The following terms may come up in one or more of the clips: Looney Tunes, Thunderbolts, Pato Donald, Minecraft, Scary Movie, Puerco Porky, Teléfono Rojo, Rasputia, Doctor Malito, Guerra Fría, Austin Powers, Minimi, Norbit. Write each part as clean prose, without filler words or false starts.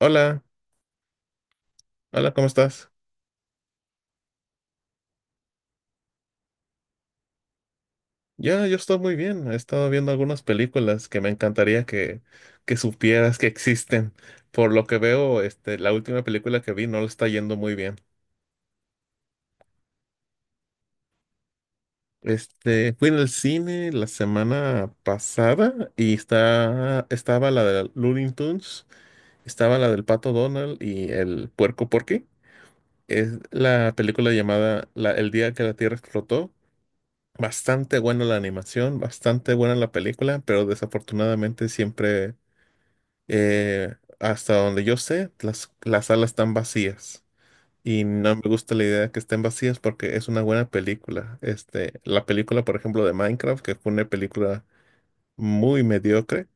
Hola, hola, ¿cómo estás? Ya, yo estoy muy bien. He estado viendo algunas películas que me encantaría que supieras que existen. Por lo que veo, este, la última película que vi no le está yendo muy bien. Este, fui en el cine la semana pasada y estaba la de Looney Tunes, estaba la del Pato Donald y el Puerco Porky. Es la película llamada El día que la Tierra explotó. Bastante buena la animación, bastante buena la película, pero desafortunadamente hasta donde yo sé, las salas están vacías. Y no me gusta la idea de que estén vacías porque es una buena película. Este, la película, por ejemplo, de Minecraft, que fue una película muy mediocre,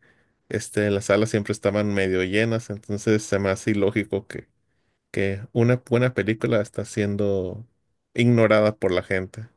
este, las salas siempre estaban medio llenas, entonces se me hace ilógico que una buena película está siendo ignorada por la gente.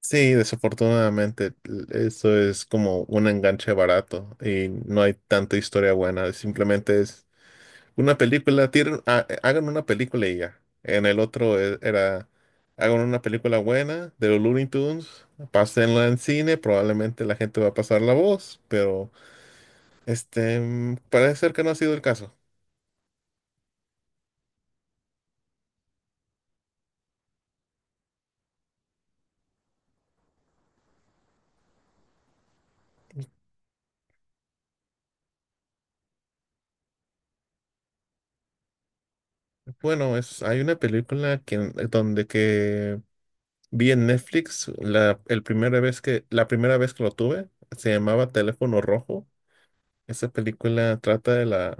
Sí, desafortunadamente eso es como un enganche barato y no hay tanta historia buena. Simplemente es una película, hagan una película y ya. En el era, hagan una película buena de los Looney Tunes, pásenla en cine, probablemente la gente va a pasar la voz, pero parece ser que no ha sido el caso. Bueno, es, hay una película donde que vi en Netflix la primera vez que lo tuve, se llamaba Teléfono Rojo. Esa película trata de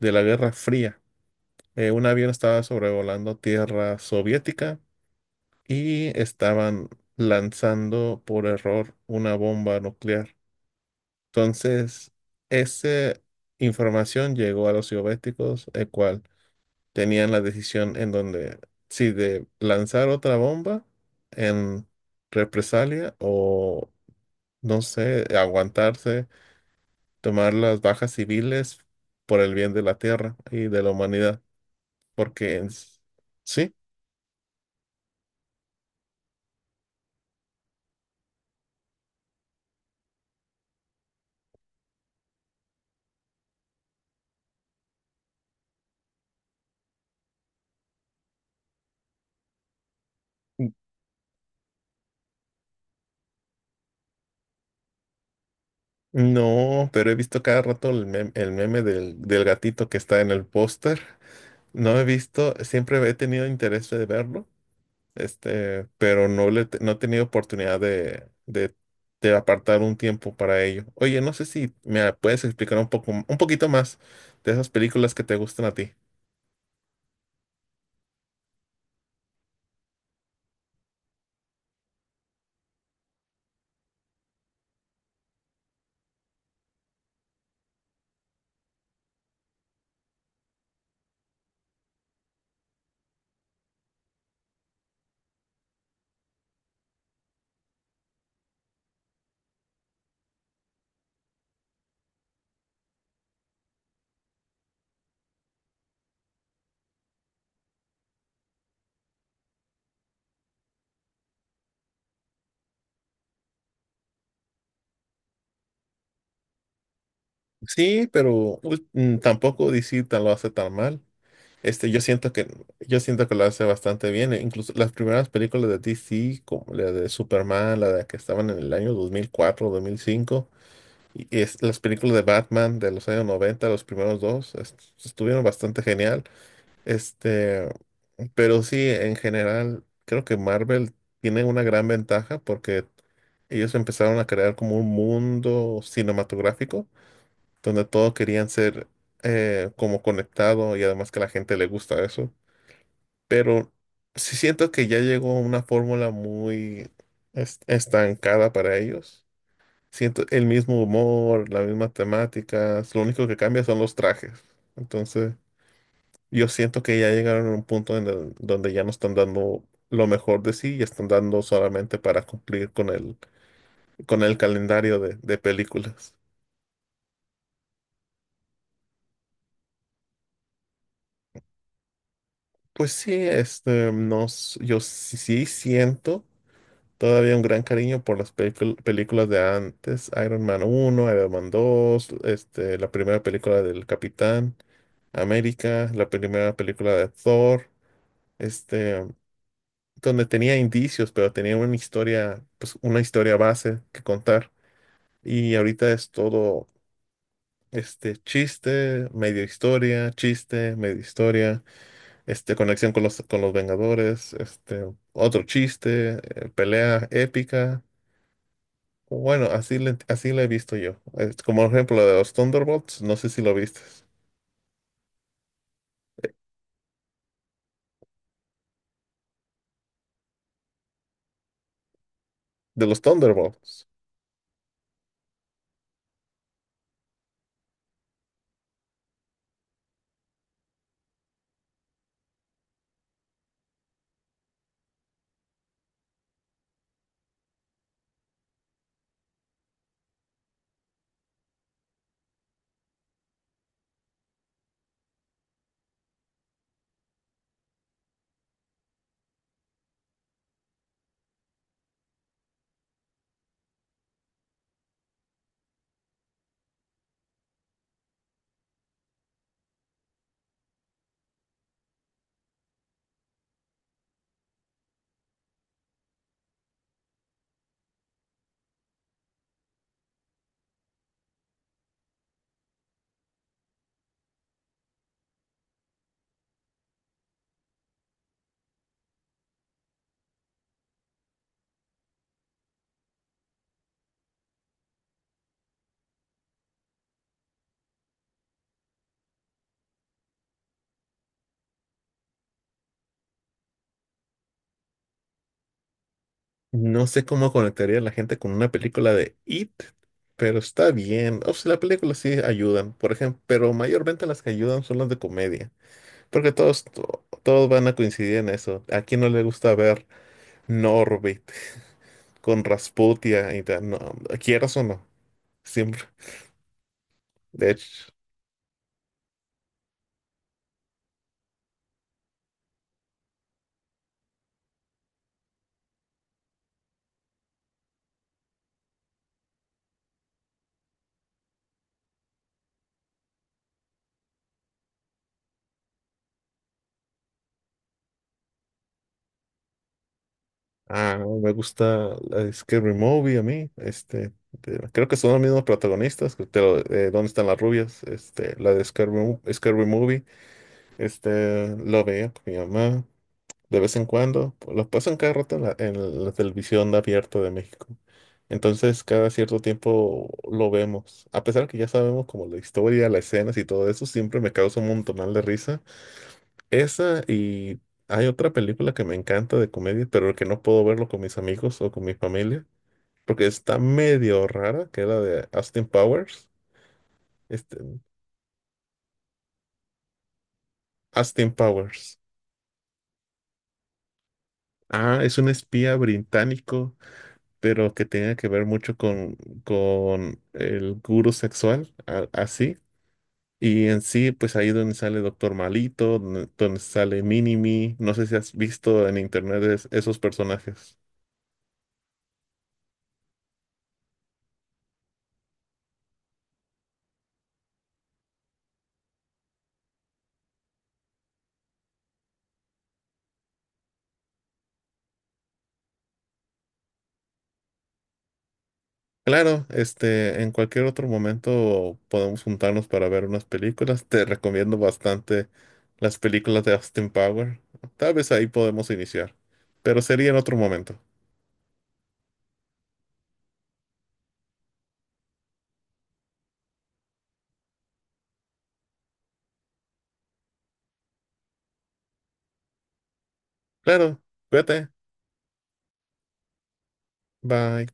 de la Guerra Fría. Un avión estaba sobrevolando tierra soviética y estaban lanzando por error una bomba nuclear. Entonces, esa información llegó a los soviéticos, el cual tenían la decisión en donde, sí, de lanzar otra bomba en represalia o, no sé, aguantarse, tomar las bajas civiles por el bien de la tierra y de la humanidad. Porque, sí, n- no, pero he visto cada rato el meme, del gatito que está en el póster. No he visto, siempre he tenido interés de verlo. Este, pero no he tenido oportunidad de apartar un tiempo para ello. Oye, no sé si me puedes explicar un poquito más de esas películas que te gustan a ti. Sí, pero pues, mm, tampoco DC tan lo hace tan mal. Este, yo siento que, yo siento que lo hace bastante bien. E incluso las primeras películas de DC, como la de Superman, la de que estaban en el año 2004, 2005, y es, las películas de Batman de los años noventa, los primeros dos, estuvieron bastante genial. Este, pero sí, en general, creo que Marvel tiene una gran ventaja porque ellos empezaron a crear como un mundo cinematográfico donde todos querían ser, como conectado y además que a la gente le gusta eso. Pero sí siento que ya llegó una fórmula muy estancada para ellos. Siento el mismo humor, las mismas temáticas, lo único que cambia son los trajes. Entonces... Yo siento que ya llegaron a un punto donde ya no están dando lo mejor de sí y están dando solamente para cumplir con el calendario de películas. Pues sí, sí siento todavía un gran cariño por las películas de antes, Iron Man uno, Iron Man dos, este, la primera película del Capitán América, la primera película de Thor, este, donde tenía indicios, pero tenía una historia, pues una historia base que contar. Y ahorita es todo este chiste, medio historia, este conexión con los Vengadores, este otro chiste, pelea épica. Bueno, así le he visto yo. Es como ejemplo de los Thunderbolts, no sé si lo viste. De los Thunderbolts. No sé cómo conectaría a la gente con una película de It, pero está bien. O sea, las películas sí ayudan, por ejemplo, pero mayormente las que ayudan son las de comedia. Porque todos van a coincidir en eso. ¿A quién no le gusta ver Norbit con Rasputia y tal? No, quieras o no, siempre. De hecho, ah, no, me gusta la de Scary Movie a mí. Este, de- creo que son los mismos protagonistas, que te lo- ¿dónde están las rubias? Este, la de Scary Movie. Este, lo veía con mi mamá de vez en cuando, pues los pasan cada rato en en la televisión abierta de México. Entonces, cada cierto tiempo lo vemos. A pesar que ya sabemos como la historia, las escenas y todo eso, siempre me causa un montonal de risa. Esa y hay otra película que me encanta de comedia, pero que no puedo verlo con mis amigos o con mi familia, porque está medio rara, que era de Austin Powers. Este, Austin Powers. Ah, es un espía británico pero que tenga que ver mucho con el gurú sexual, así. Y en sí, pues ahí donde sale Doctor Malito, donde sale Minimi, no sé si has visto en internet esos personajes. Claro, este, en cualquier otro momento podemos juntarnos para ver unas películas. Te recomiendo bastante las películas de Austin Power. Tal vez ahí podemos iniciar, pero sería en otro momento. Claro, cuídate. Bye.